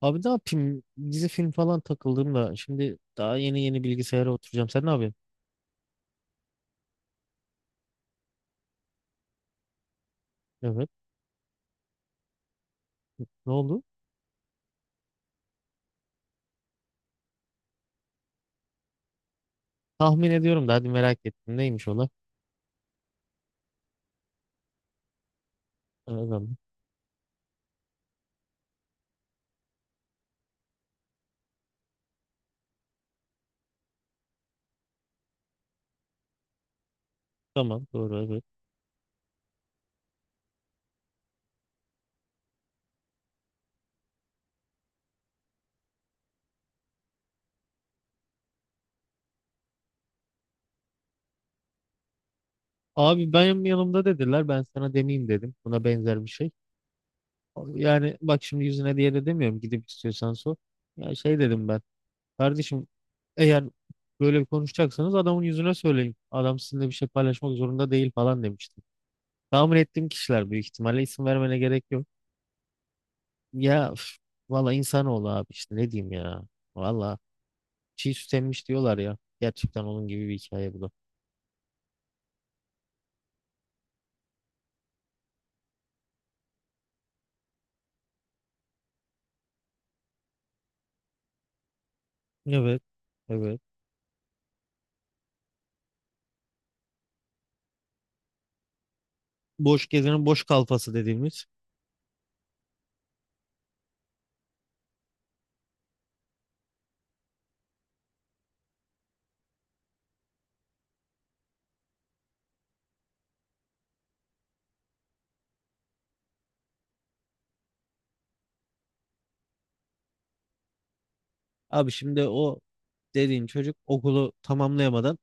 Abi ne yapayım? Dizi film falan takıldım da şimdi daha yeni yeni bilgisayara oturacağım. Sen ne yapıyorsun? Evet. Ne oldu? Tahmin ediyorum da hadi merak ettim. Neymiş ola? Evet. Tamam doğru evet. Abi benim yanımda dediler ben sana demeyeyim dedim. Buna benzer bir şey. Yani bak şimdi yüzüne diye de demiyorum, gidip istiyorsan sor. Ya şey dedim ben. Kardeşim eğer böyle bir konuşacaksanız adamın yüzüne söyleyin. Adam sizinle bir şey paylaşmak zorunda değil falan demiştim. Tahmin ettiğim kişiler büyük ihtimalle, isim vermene gerek yok. Ya üf, valla insanoğlu abi işte ne diyeyim ya. Valla çiğ süt emmiş diyorlar ya. Gerçekten onun gibi bir hikaye bu da. Evet. Evet. Boş gezenin boş kalfası dediğimiz. Abi şimdi o dediğin çocuk okulu tamamlayamadan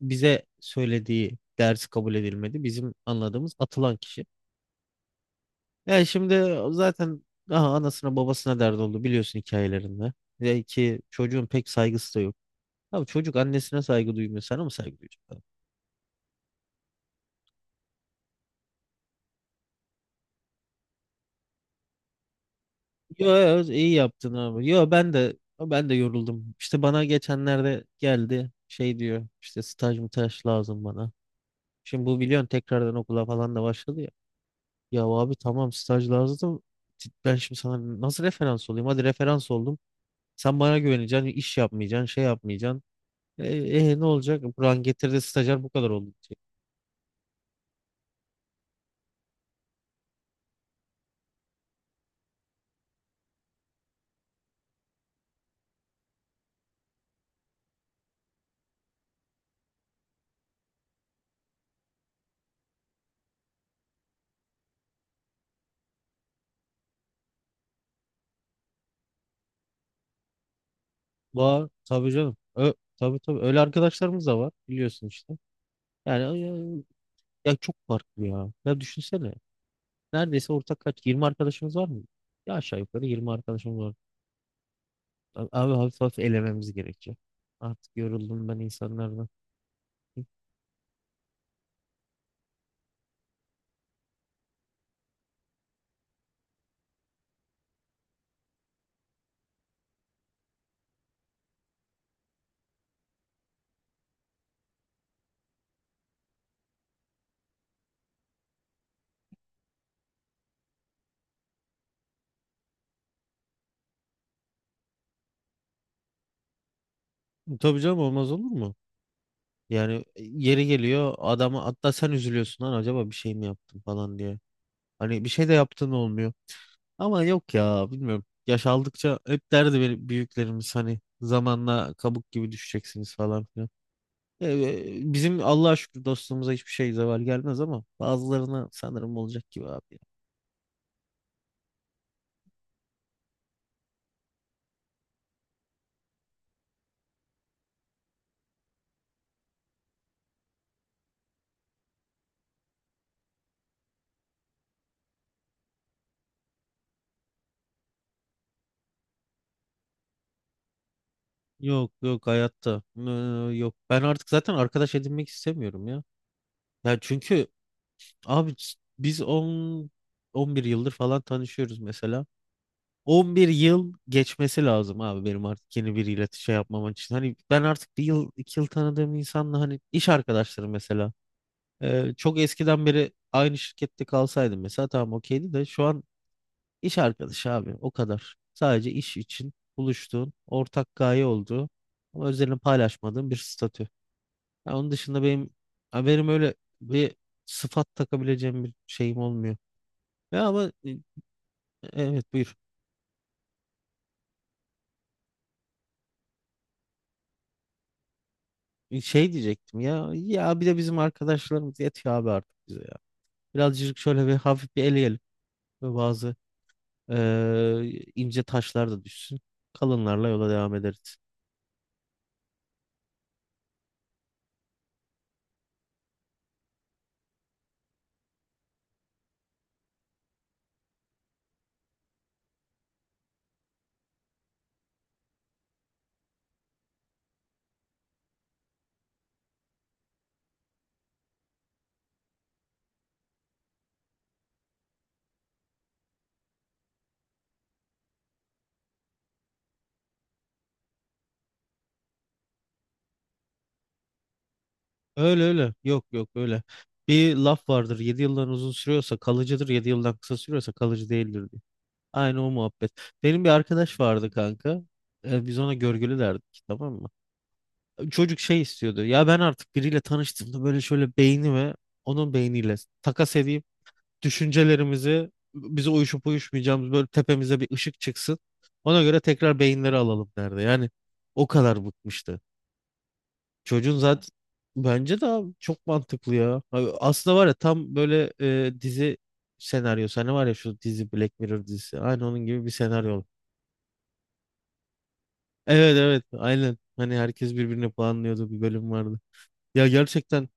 bize söylediği ders kabul edilmedi. Bizim anladığımız atılan kişi. Yani şimdi o zaten daha anasına babasına dert oldu biliyorsun hikayelerinde. Ve ki çocuğun pek saygısı da yok. Abi çocuk annesine saygı duymuyor. Sana mı saygı duyacak? Yo, yo, iyi yaptın abi. Yo ben de yoruldum. İşte bana geçenlerde geldi, şey diyor işte, staj mı taş lazım bana. Şimdi bu biliyorsun tekrardan okula falan da başladı ya. Ya abi tamam, staj lazım. Ben şimdi sana nasıl referans olayım? Hadi referans oldum. Sen bana güveneceksin, iş yapmayacaksın, şey yapmayacaksın. E, ne olacak? Buran getirdi stajyer bu kadar oldu diyecek. Var tabii canım. Tabii tabii öyle arkadaşlarımız da var biliyorsun işte. Yani ya, ya çok farklı ya. Ya düşünsene. Neredeyse ortak kaç, 20 arkadaşımız var mı? Ya aşağı yukarı 20 arkadaşımız var. Abi hafif hafif elememiz gerekecek. Artık yoruldum ben insanlardan. Tabii canım, olmaz olur mu? Yani yeri geliyor, adama hatta sen üzülüyorsun, lan acaba bir şey mi yaptın falan diye. Hani bir şey de yaptın, olmuyor. Ama yok ya bilmiyorum. Yaş aldıkça hep derdi benim büyüklerimiz, hani zamanla kabuk gibi düşeceksiniz falan filan. Bizim Allah'a şükür dostluğumuza hiçbir şey zeval gelmez, ama bazılarına sanırım olacak gibi abi. Yok yok hayatta. Yok. Ben artık zaten arkadaş edinmek istemiyorum ya. Ya çünkü abi, biz 11 yıldır falan tanışıyoruz mesela. 11 yıl geçmesi lazım abi benim artık yeni biriyle şey yapmam için. Hani ben artık bir yıl iki yıl tanıdığım insanla, hani iş arkadaşları mesela. Çok eskiden beri aynı şirkette kalsaydım mesela tamam okeydi, de şu an iş arkadaşı abi, o kadar. Sadece iş için buluştuğun, ortak gaye olduğu ama özelini paylaşmadığın bir statü. Ya onun dışında benim haberim öyle bir sıfat takabileceğim bir şeyim olmuyor. Ya ama evet buyur. Şey diyecektim ya, ya bir de bizim arkadaşlarımız yetiyor abi artık bize ya. Birazcık şöyle bir hafif bir eleyelim ve bazı ince taşlar da düşsün. Kalınlarla yola devam ederiz. Öyle öyle. Yok yok öyle. Bir laf vardır. 7 yıldan uzun sürüyorsa kalıcıdır. 7 yıldan kısa sürüyorsa kalıcı değildir. Aynı o muhabbet. Benim bir arkadaş vardı kanka. Biz ona görgülü derdik, tamam mı? Çocuk şey istiyordu. Ya ben artık biriyle tanıştığımda böyle, şöyle beynimi onun beyniyle takas edeyim. Düşüncelerimizi, bize uyuşup uyuşmayacağımız, böyle tepemize bir ışık çıksın. Ona göre tekrar beyinleri alalım derdi. Yani o kadar bıkmıştı. Çocuğun zaten bence de abi, çok mantıklı ya. Abi aslında var ya tam böyle dizi senaryosu. Hani var ya şu dizi, Black Mirror dizisi. Aynı onun gibi bir senaryo. Evet evet aynen. Hani herkes birbirine puanlıyordu, bir bölüm vardı. Ya gerçekten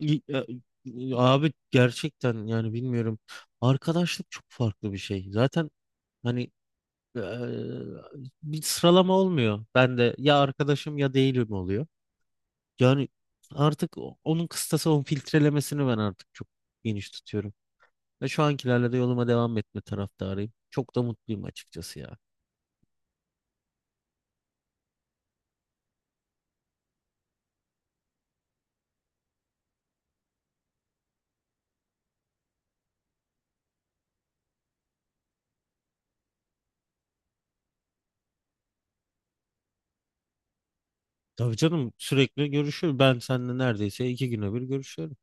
i- ya- abi gerçekten yani bilmiyorum. Arkadaşlık çok farklı bir şey. Zaten hani eee, bir sıralama olmuyor. Ben de ya arkadaşım ya değilim oluyor. Yani artık onun kıstası, onun filtrelemesini ben artık çok geniş tutuyorum. Ve şu ankilerle de yoluma devam etme taraftarıyım. Çok da mutluyum açıkçası ya. Tabii canım, sürekli görüşüyor. Ben seninle neredeyse 2 güne bir görüşüyorum.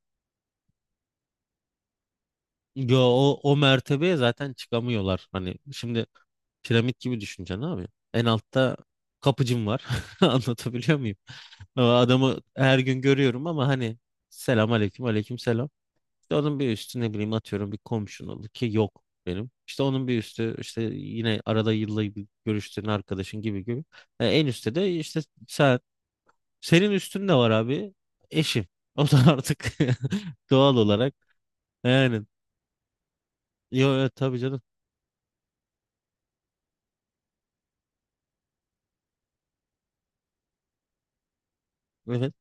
Yo, o mertebeye zaten çıkamıyorlar. Hani şimdi piramit gibi düşüneceksin abi. En altta kapıcım var. Anlatabiliyor muyum? O adamı her gün görüyorum, ama hani selam aleyküm, aleyküm selam. İşte onun bir üstü, ne bileyim atıyorum bir komşun oldu ki, yok benim. İşte onun bir üstü işte yine arada yılda bir görüştüğün arkadaşın gibi gibi. En üstte de işte sen. Senin üstün de var abi. Eşim. O da artık doğal olarak yani. Yo, yo, tabii canım. Evet.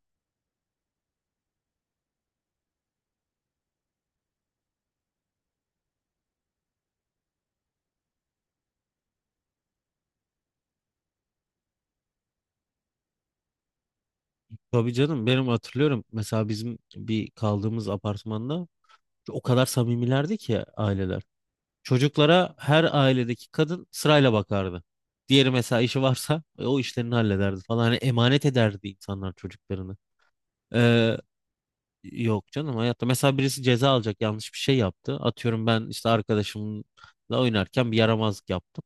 Tabii canım, benim hatırlıyorum mesela bizim bir kaldığımız apartmanda o kadar samimilerdi ki aileler. Çocuklara her ailedeki kadın sırayla bakardı. Diğeri mesela işi varsa o işlerini hallederdi falan. Hani emanet ederdi insanlar çocuklarını. Ee, yok canım hayatta. Mesela birisi ceza alacak, yanlış bir şey yaptı. Atıyorum ben işte arkadaşımla oynarken bir yaramazlık yaptım.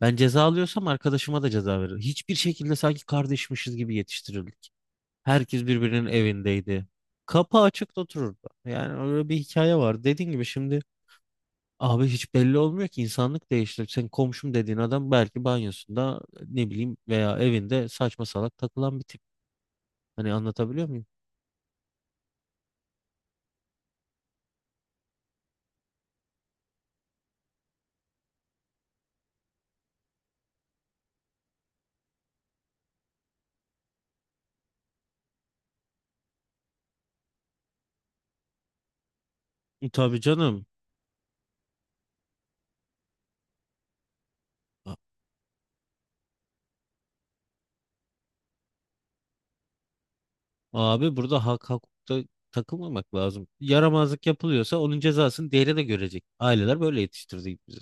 Ben ceza alıyorsam arkadaşıma da ceza veririm. Hiçbir şekilde, sanki kardeşmişiz gibi yetiştirildik. Herkes birbirinin evindeydi. Kapı açık da otururdu. Yani öyle bir hikaye var. Dediğin gibi şimdi abi, hiç belli olmuyor ki, insanlık değişti. Sen komşum dediğin adam belki banyosunda, ne bileyim, veya evinde saçma salak takılan bir tip. Hani anlatabiliyor muyum? Tabii canım. A- Abi burada hak hukukta takılmamak lazım. Yaramazlık yapılıyorsa onun cezasını diğeri de görecek. Aileler böyle yetiştirdi bizi.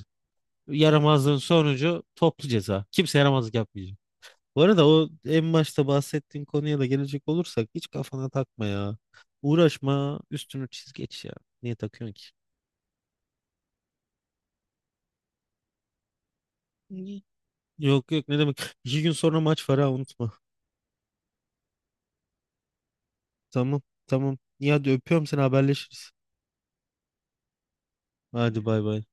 Yaramazlığın sonucu toplu ceza. Kimse yaramazlık yapmayacak. Bu arada, o en başta bahsettiğin konuya da gelecek olursak, hiç kafana takma ya. Uğraşma, üstünü çiz geç ya. Niye takıyorsun ki? İyi. Yok yok ne demek. 2 gün sonra maç var, ha unutma. Tamam tamam. İyi hadi öpüyorum seni, haberleşiriz. Hadi bay bay.